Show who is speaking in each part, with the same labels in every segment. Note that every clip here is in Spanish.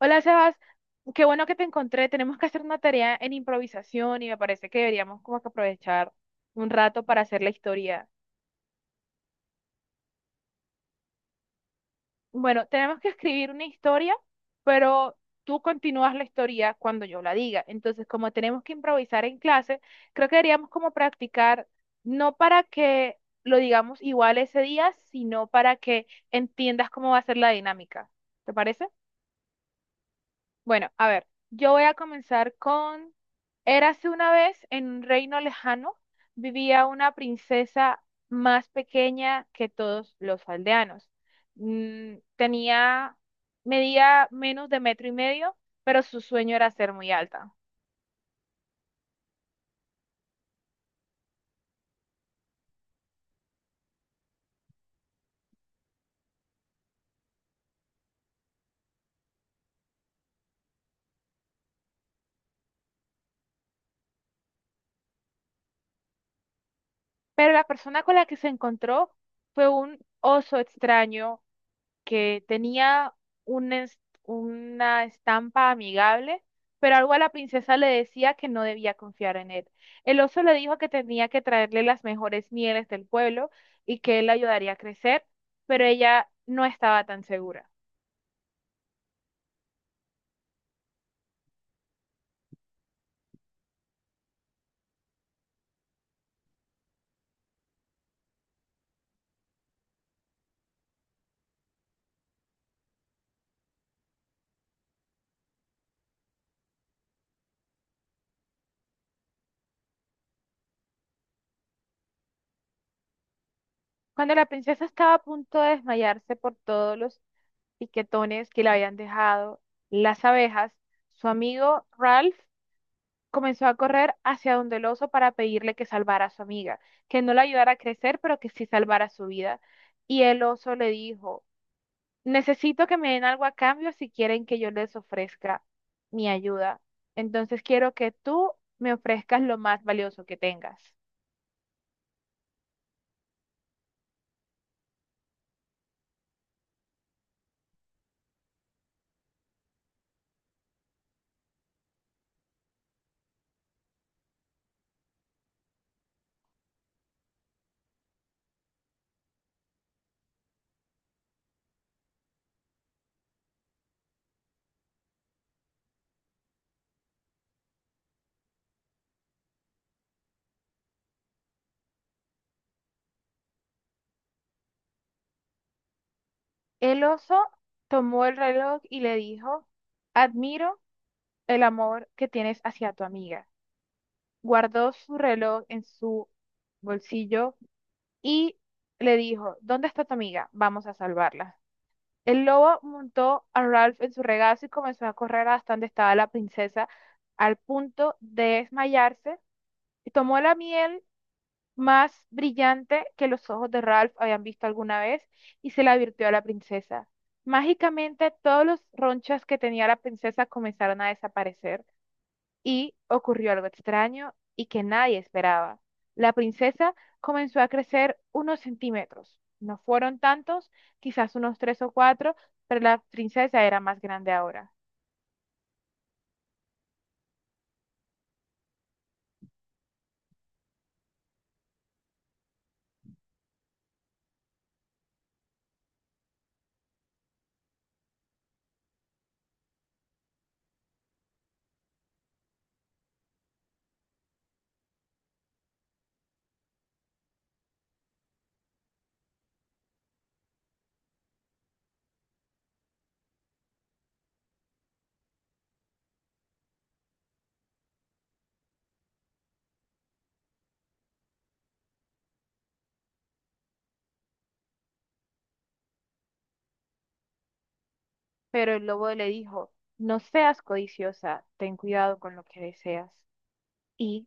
Speaker 1: Hola, Sebas. Qué bueno que te encontré. Tenemos que hacer una tarea en improvisación y me parece que deberíamos como que aprovechar un rato para hacer la historia. Bueno, tenemos que escribir una historia, pero tú continúas la historia cuando yo la diga. Entonces, como tenemos que improvisar en clase, creo que deberíamos como practicar, no para que lo digamos igual ese día, sino para que entiendas cómo va a ser la dinámica. ¿Te parece? Bueno, a ver, yo voy a comenzar con, érase una vez en un reino lejano, vivía una princesa más pequeña que todos los aldeanos. Tenía, medía menos de metro y medio, pero su sueño era ser muy alta. Pero la persona con la que se encontró fue un oso extraño que tenía un es- una estampa amigable, pero algo a la princesa le decía que no debía confiar en él. El oso le dijo que tenía que traerle las mejores mieles del pueblo y que él la ayudaría a crecer, pero ella no estaba tan segura. Cuando la princesa estaba a punto de desmayarse por todos los piquetones que le habían dejado las abejas, su amigo Ralph comenzó a correr hacia donde el oso para pedirle que salvara a su amiga, que no la ayudara a crecer, pero que sí salvara su vida. Y el oso le dijo, necesito que me den algo a cambio si quieren que yo les ofrezca mi ayuda. Entonces quiero que tú me ofrezcas lo más valioso que tengas. El oso tomó el reloj y le dijo, admiro el amor que tienes hacia tu amiga. Guardó su reloj en su bolsillo y le dijo, ¿dónde está tu amiga? Vamos a salvarla. El lobo montó a Ralph en su regazo y comenzó a correr hasta donde estaba la princesa, al punto de desmayarse, y tomó la miel más brillante que los ojos de Ralph habían visto alguna vez y se la virtió a la princesa. Mágicamente, todos los ronchas que tenía la princesa comenzaron a desaparecer y ocurrió algo extraño y que nadie esperaba. La princesa comenzó a crecer unos centímetros. No fueron tantos, quizás unos tres o cuatro, pero la princesa era más grande ahora. Pero el lobo le dijo, no seas codiciosa, ten cuidado con lo que deseas. Y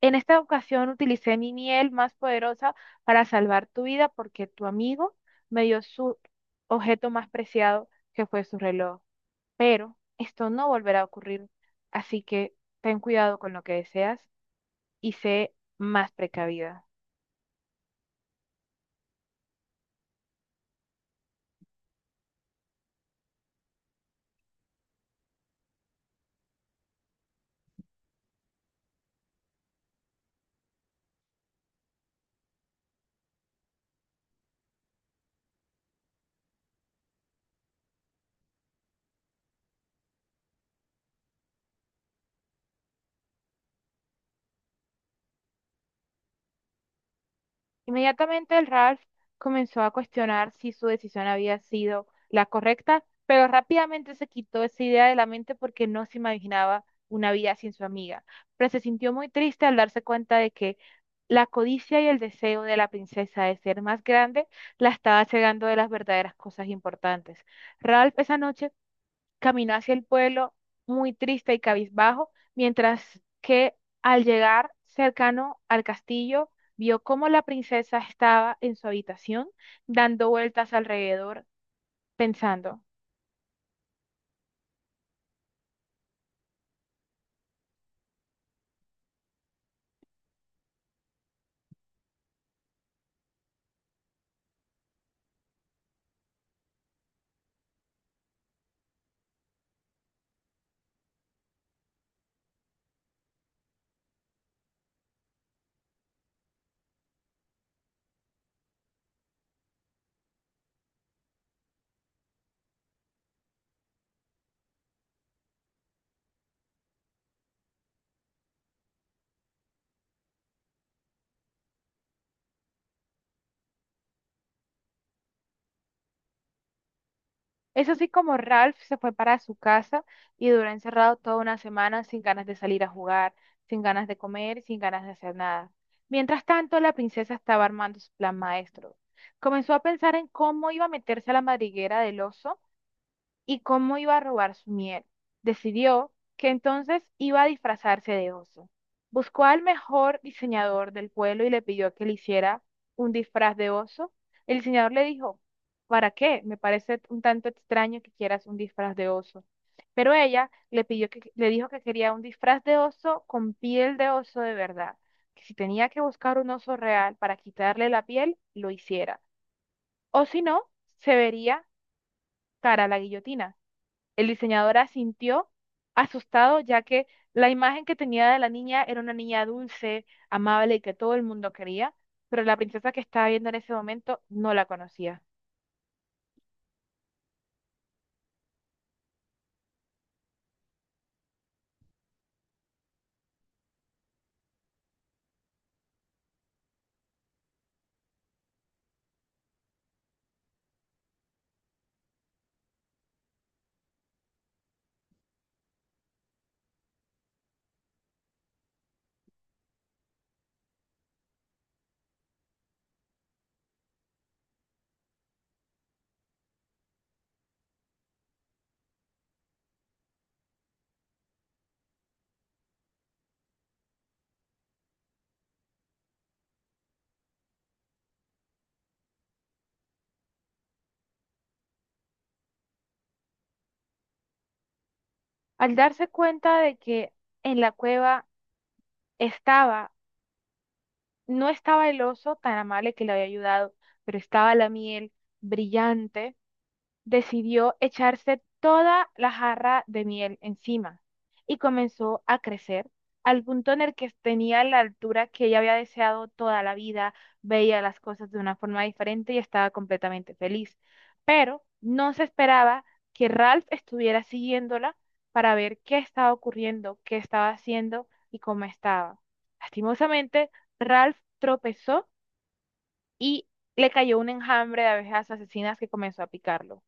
Speaker 1: en esta ocasión utilicé mi miel más poderosa para salvar tu vida porque tu amigo me dio su objeto más preciado, que fue su reloj. Pero esto no volverá a ocurrir, así que ten cuidado con lo que deseas y sé más precavida. Inmediatamente el Ralph comenzó a cuestionar si su decisión había sido la correcta, pero rápidamente se quitó esa idea de la mente porque no se imaginaba una vida sin su amiga, pero se sintió muy triste al darse cuenta de que la codicia y el deseo de la princesa de ser más grande la estaba cegando de las verdaderas cosas importantes. Ralph esa noche caminó hacia el pueblo muy triste y cabizbajo, mientras que al llegar cercano al castillo, vio cómo la princesa estaba en su habitación, dando vueltas alrededor, pensando. Es así como Ralph se fue para su casa y duró encerrado toda una semana sin ganas de salir a jugar, sin ganas de comer, sin ganas de hacer nada. Mientras tanto, la princesa estaba armando su plan maestro. Comenzó a pensar en cómo iba a meterse a la madriguera del oso y cómo iba a robar su miel. Decidió que entonces iba a disfrazarse de oso. Buscó al mejor diseñador del pueblo y le pidió que le hiciera un disfraz de oso. El diseñador le dijo, ¿para qué? Me parece un tanto extraño que quieras un disfraz de oso. Pero ella le pidió que, le dijo que quería un disfraz de oso con piel de oso de verdad, que si tenía que buscar un oso real para quitarle la piel, lo hiciera. O si no, se vería cara a la guillotina. El diseñador asintió, asustado, ya que la imagen que tenía de la niña era una niña dulce, amable y que todo el mundo quería, pero la princesa que estaba viendo en ese momento no la conocía. Al darse cuenta de que en la cueva estaba, no estaba el oso tan amable que le había ayudado, pero estaba la miel brillante, decidió echarse toda la jarra de miel encima y comenzó a crecer al punto en el que tenía la altura que ella había deseado toda la vida, veía las cosas de una forma diferente y estaba completamente feliz. Pero no se esperaba que Ralph estuviera siguiéndola para ver qué estaba ocurriendo, qué estaba haciendo y cómo estaba. Lastimosamente, Ralph tropezó y le cayó un enjambre de abejas asesinas que comenzó a picarlo.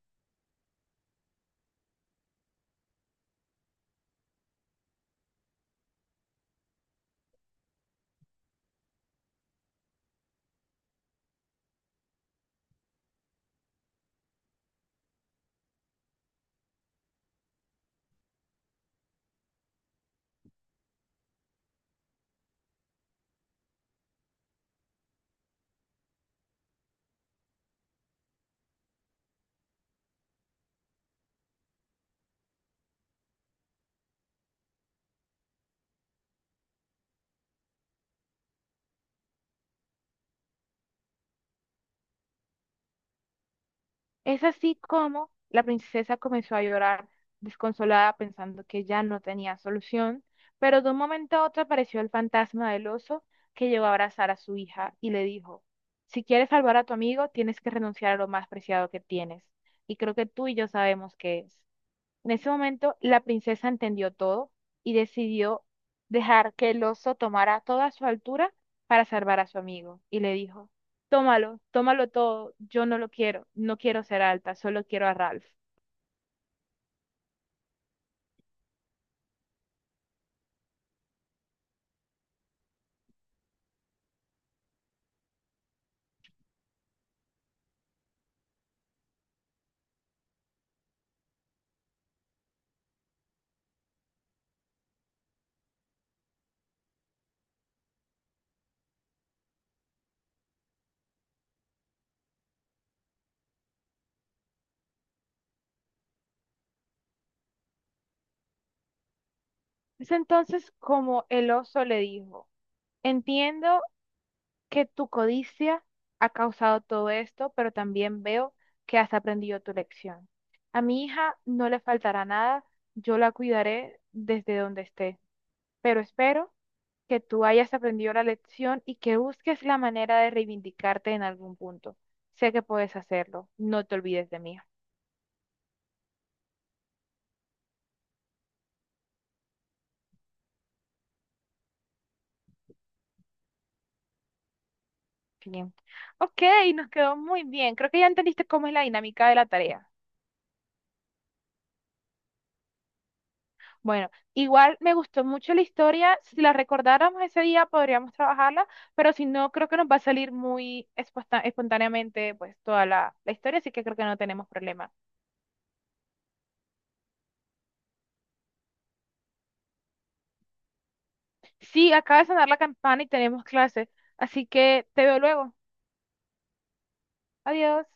Speaker 1: Es así como la princesa comenzó a llorar desconsolada pensando que ya no tenía solución, pero de un momento a otro apareció el fantasma del oso que llegó a abrazar a su hija y le dijo, si quieres salvar a tu amigo, tienes que renunciar a lo más preciado que tienes, y creo que tú y yo sabemos qué es. En ese momento, la princesa entendió todo y decidió dejar que el oso tomara toda su altura para salvar a su amigo. Y le dijo, tómalo, tómalo todo, yo no lo quiero, no quiero ser alta, solo quiero a Ralph. Es entonces como el oso le dijo, entiendo que tu codicia ha causado todo esto, pero también veo que has aprendido tu lección. A mi hija no le faltará nada, yo la cuidaré desde donde esté, pero espero que tú hayas aprendido la lección y que busques la manera de reivindicarte en algún punto. Sé que puedes hacerlo, no te olvides de mí. Bien. Ok, nos quedó muy bien. Creo que ya entendiste cómo es la dinámica de la tarea. Bueno, igual me gustó mucho la historia. Si la recordáramos ese día, podríamos trabajarla, pero si no, creo que nos va a salir muy espontáneamente pues toda la historia, así que creo que no tenemos problema. Sí, acaba de sonar la campana y tenemos clase, así que te veo luego. Adiós.